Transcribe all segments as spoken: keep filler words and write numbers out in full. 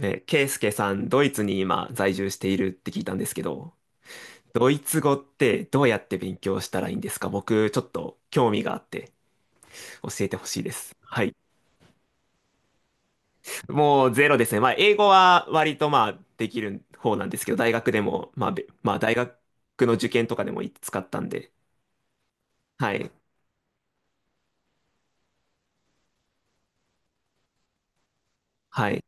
え、ケイスケさん、ドイツに今在住しているって聞いたんですけど、ドイツ語ってどうやって勉強したらいいんですか？僕、ちょっと興味があって教えてほしいです。はい。もうゼロですね。まあ、英語は割とまあ、できる方なんですけど、大学でも、まあ、べまあ、大学の受験とかでも使ったんで、はい。はい。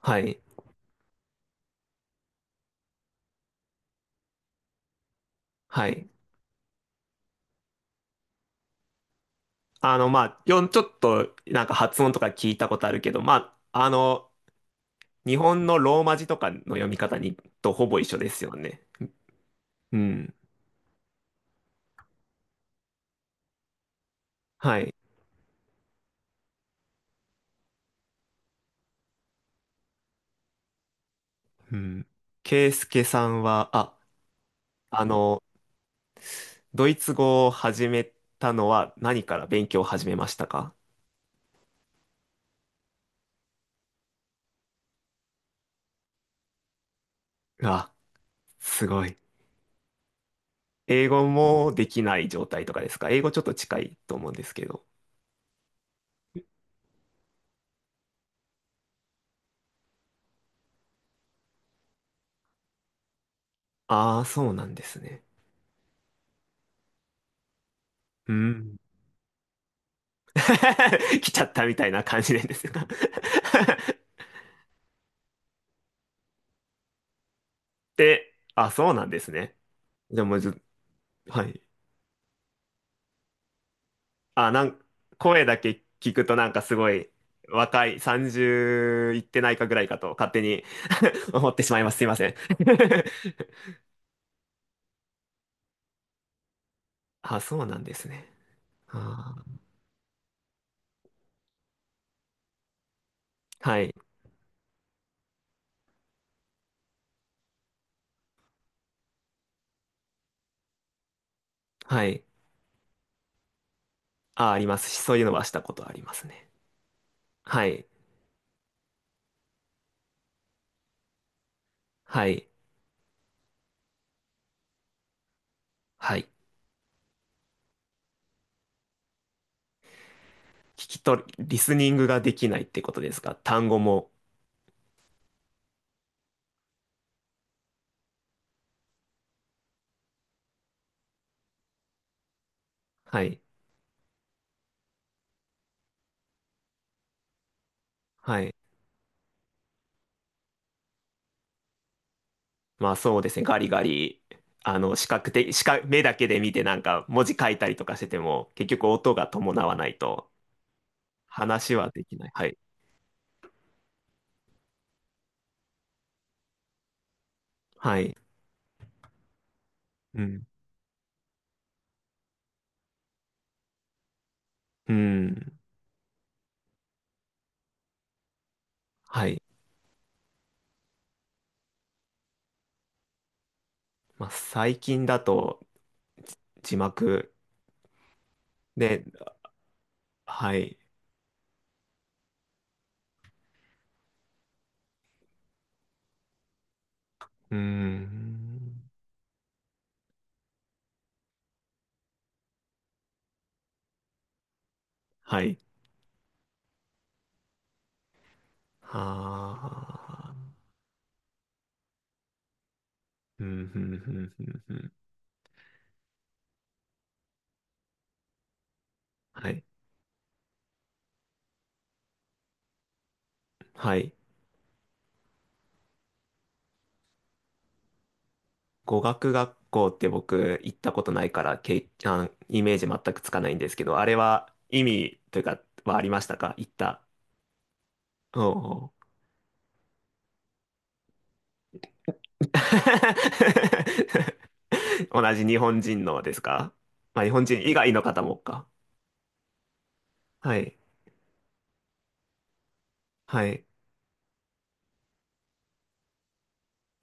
はい。はい。あの、まあ、よん、ちょっとなんか発音とか聞いたことあるけど、まあ、あの、日本のローマ字とかの読み方にとほぼ一緒ですよね。うん。はい。うん。ケイスケさんは、あ、あの、ドイツ語を始めたのは何から勉強を始めましたか？あ、すごい。英語もできない状態とかですか？英語ちょっと近いと思うんですけど。ああ、そうなんですね。うん。来ちゃったみたいな感じなんですが で、あ、そうなんですね。じゃあもうず、はい。あ、なん、声だけ聞くとなんかすごい若い、さんじゅういってないかぐらいかと勝手に 思ってしまいます。すいません。あ、そうなんですね。あー、はい。はい。あ、ありますし、そういうのはしたことありますね。はい。はい。はい。聞き取り、リスニングができないってことですか？単語も。はい。はい。まあそうですね。ガリガリ。あの、視覚的、視覚、目だけで見てなんか文字書いたりとかしてても、結局音が伴わないと、話はできない。はい。はい。うん。うん。はい。まあ、最近だと字幕で、はい。うん。はい。はあ。うん、うん、うん、うん。うんはい。はい。語学学校って僕行ったことないから、け、あ、イメージ全くつかないんですけど、あれは意味というか、はありましたか？行った。おう 同じ日本人のですか？まあ、日本人以外の方もか。はい。はい。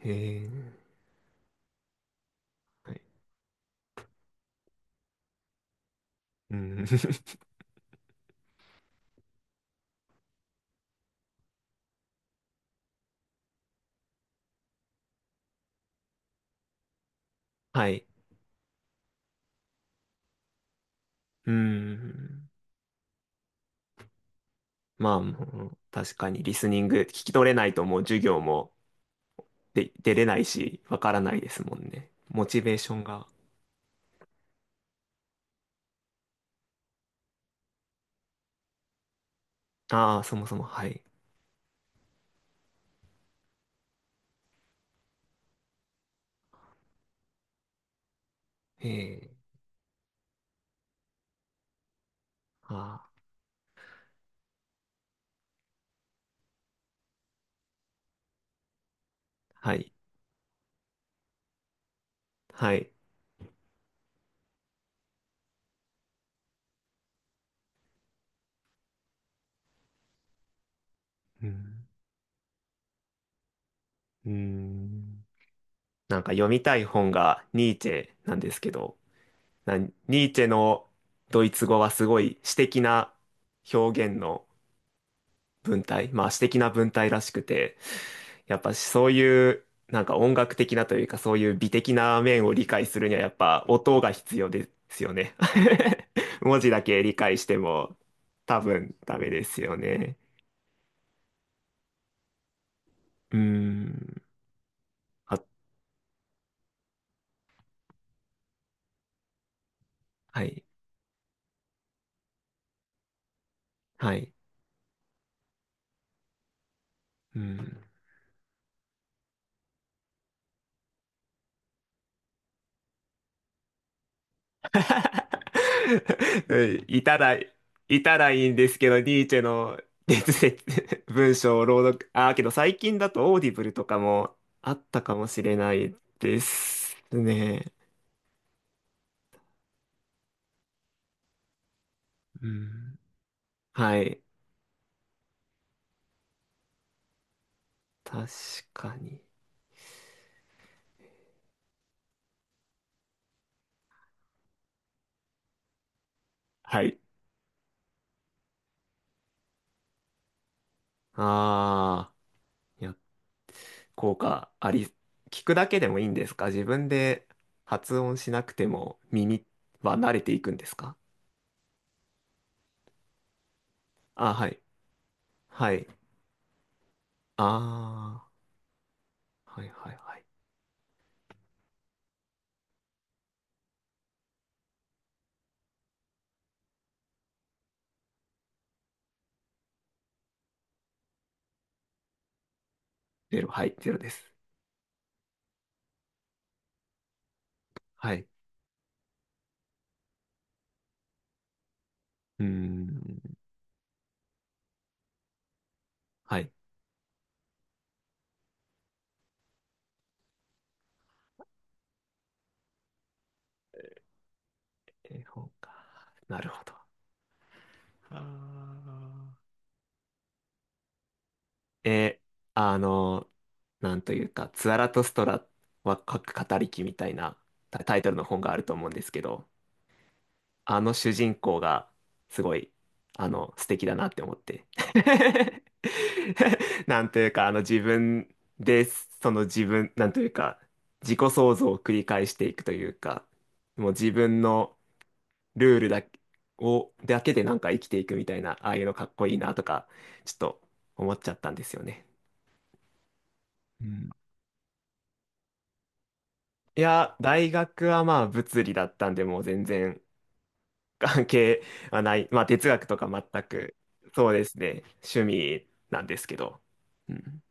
えー、はい。うん。はい。うん。まあ、もう確かにリスニング聞き取れないともう授業もで出れないし、わからないですもんね。モチベーションが。ああ、そもそも、はい。ええ、ああ、はい。はい。うん。うん。なんか読みたい本がニーチェなんですけど、なニーチェのドイツ語はすごい詩的な表現の文体、まあ詩的な文体らしくて、やっぱそういうなんか音楽的なというかそういう美的な面を理解するにはやっぱ音が必要ですよね。文字だけ理解しても多分ダメですよね。うーん。あ、はい。はい。うん。うんいたら、いたらいいんですけど、ニーチェの哲説、文章を朗読、ああ、けど最近だとオーディブルとかもあったかもしれないですね。うん。はい。確かに。はい。ああ、いや、効果あり、聞くだけでもいいんですか？自分で発音しなくても耳は慣れていくんですか？あ、はい。はい。ああ、はいはいはい。ゼロ、はい、ゼロです。はい。うーん、はい。絵本か。なるほど。あーえ、あの、なんというか、ツアラとストラは書く語り木みたいなタタイトルの本があると思うんですけど、あの主人公がすごい、あの、素敵だなって思って。なんというか、あの自分で、その自分、なんというか、自己創造を繰り返していくというか、もう自分のルールだけ、を、だけでなんか生きていくみたいな、ああいうのかっこいいなとか、ちょっと思っちゃったんですよね。うん。いや、大学はまあ物理だったんで、もう全然関係はない。まあ哲学とか全く、そうですね、趣味なんですけど。うん。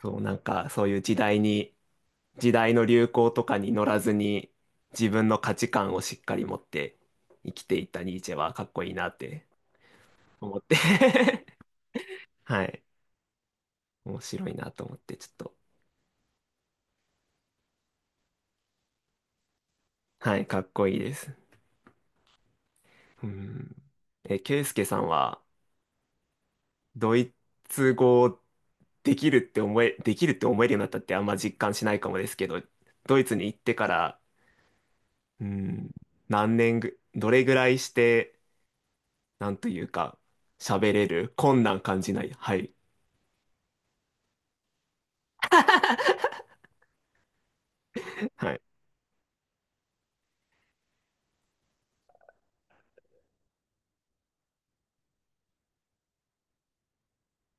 そう、なんかそういう時代に、時代の流行とかに乗らずに、自分の価値観をしっかり持って生きていったニーチェはかっこいいなって思って はい。面白いなと思って、ちょっと、はい、かっこいいです。うん。え、ケイスケさんは、ドイツ語できるって思え、できるって思えるようになったってあんま実感しないかもですけど、ドイツに行ってから、うん、何年ぐ、どれぐらいして、なんというか、喋れる、困難感じない。はい。はい。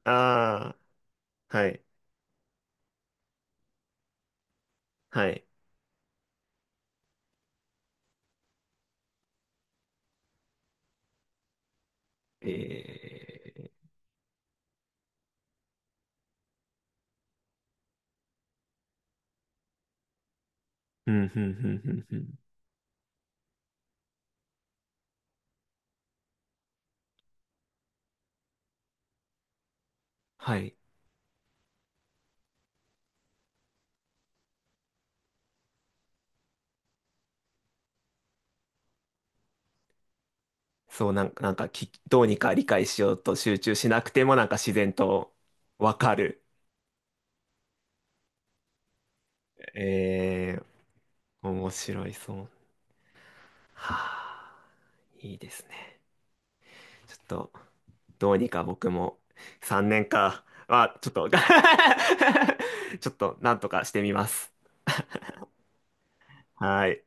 ああ、はい。はい。えー、うん、うん、うん、うん、うん。はい。そう、なんか、なんかき、どうにか理解しようと集中しなくても、なんか自然とわかる。えー、面白いそう。はあ、いいですね。ちょっと、どうにか僕もさんねんか。あ、ちょっと、ちょっと、なんとかしてみます。はい。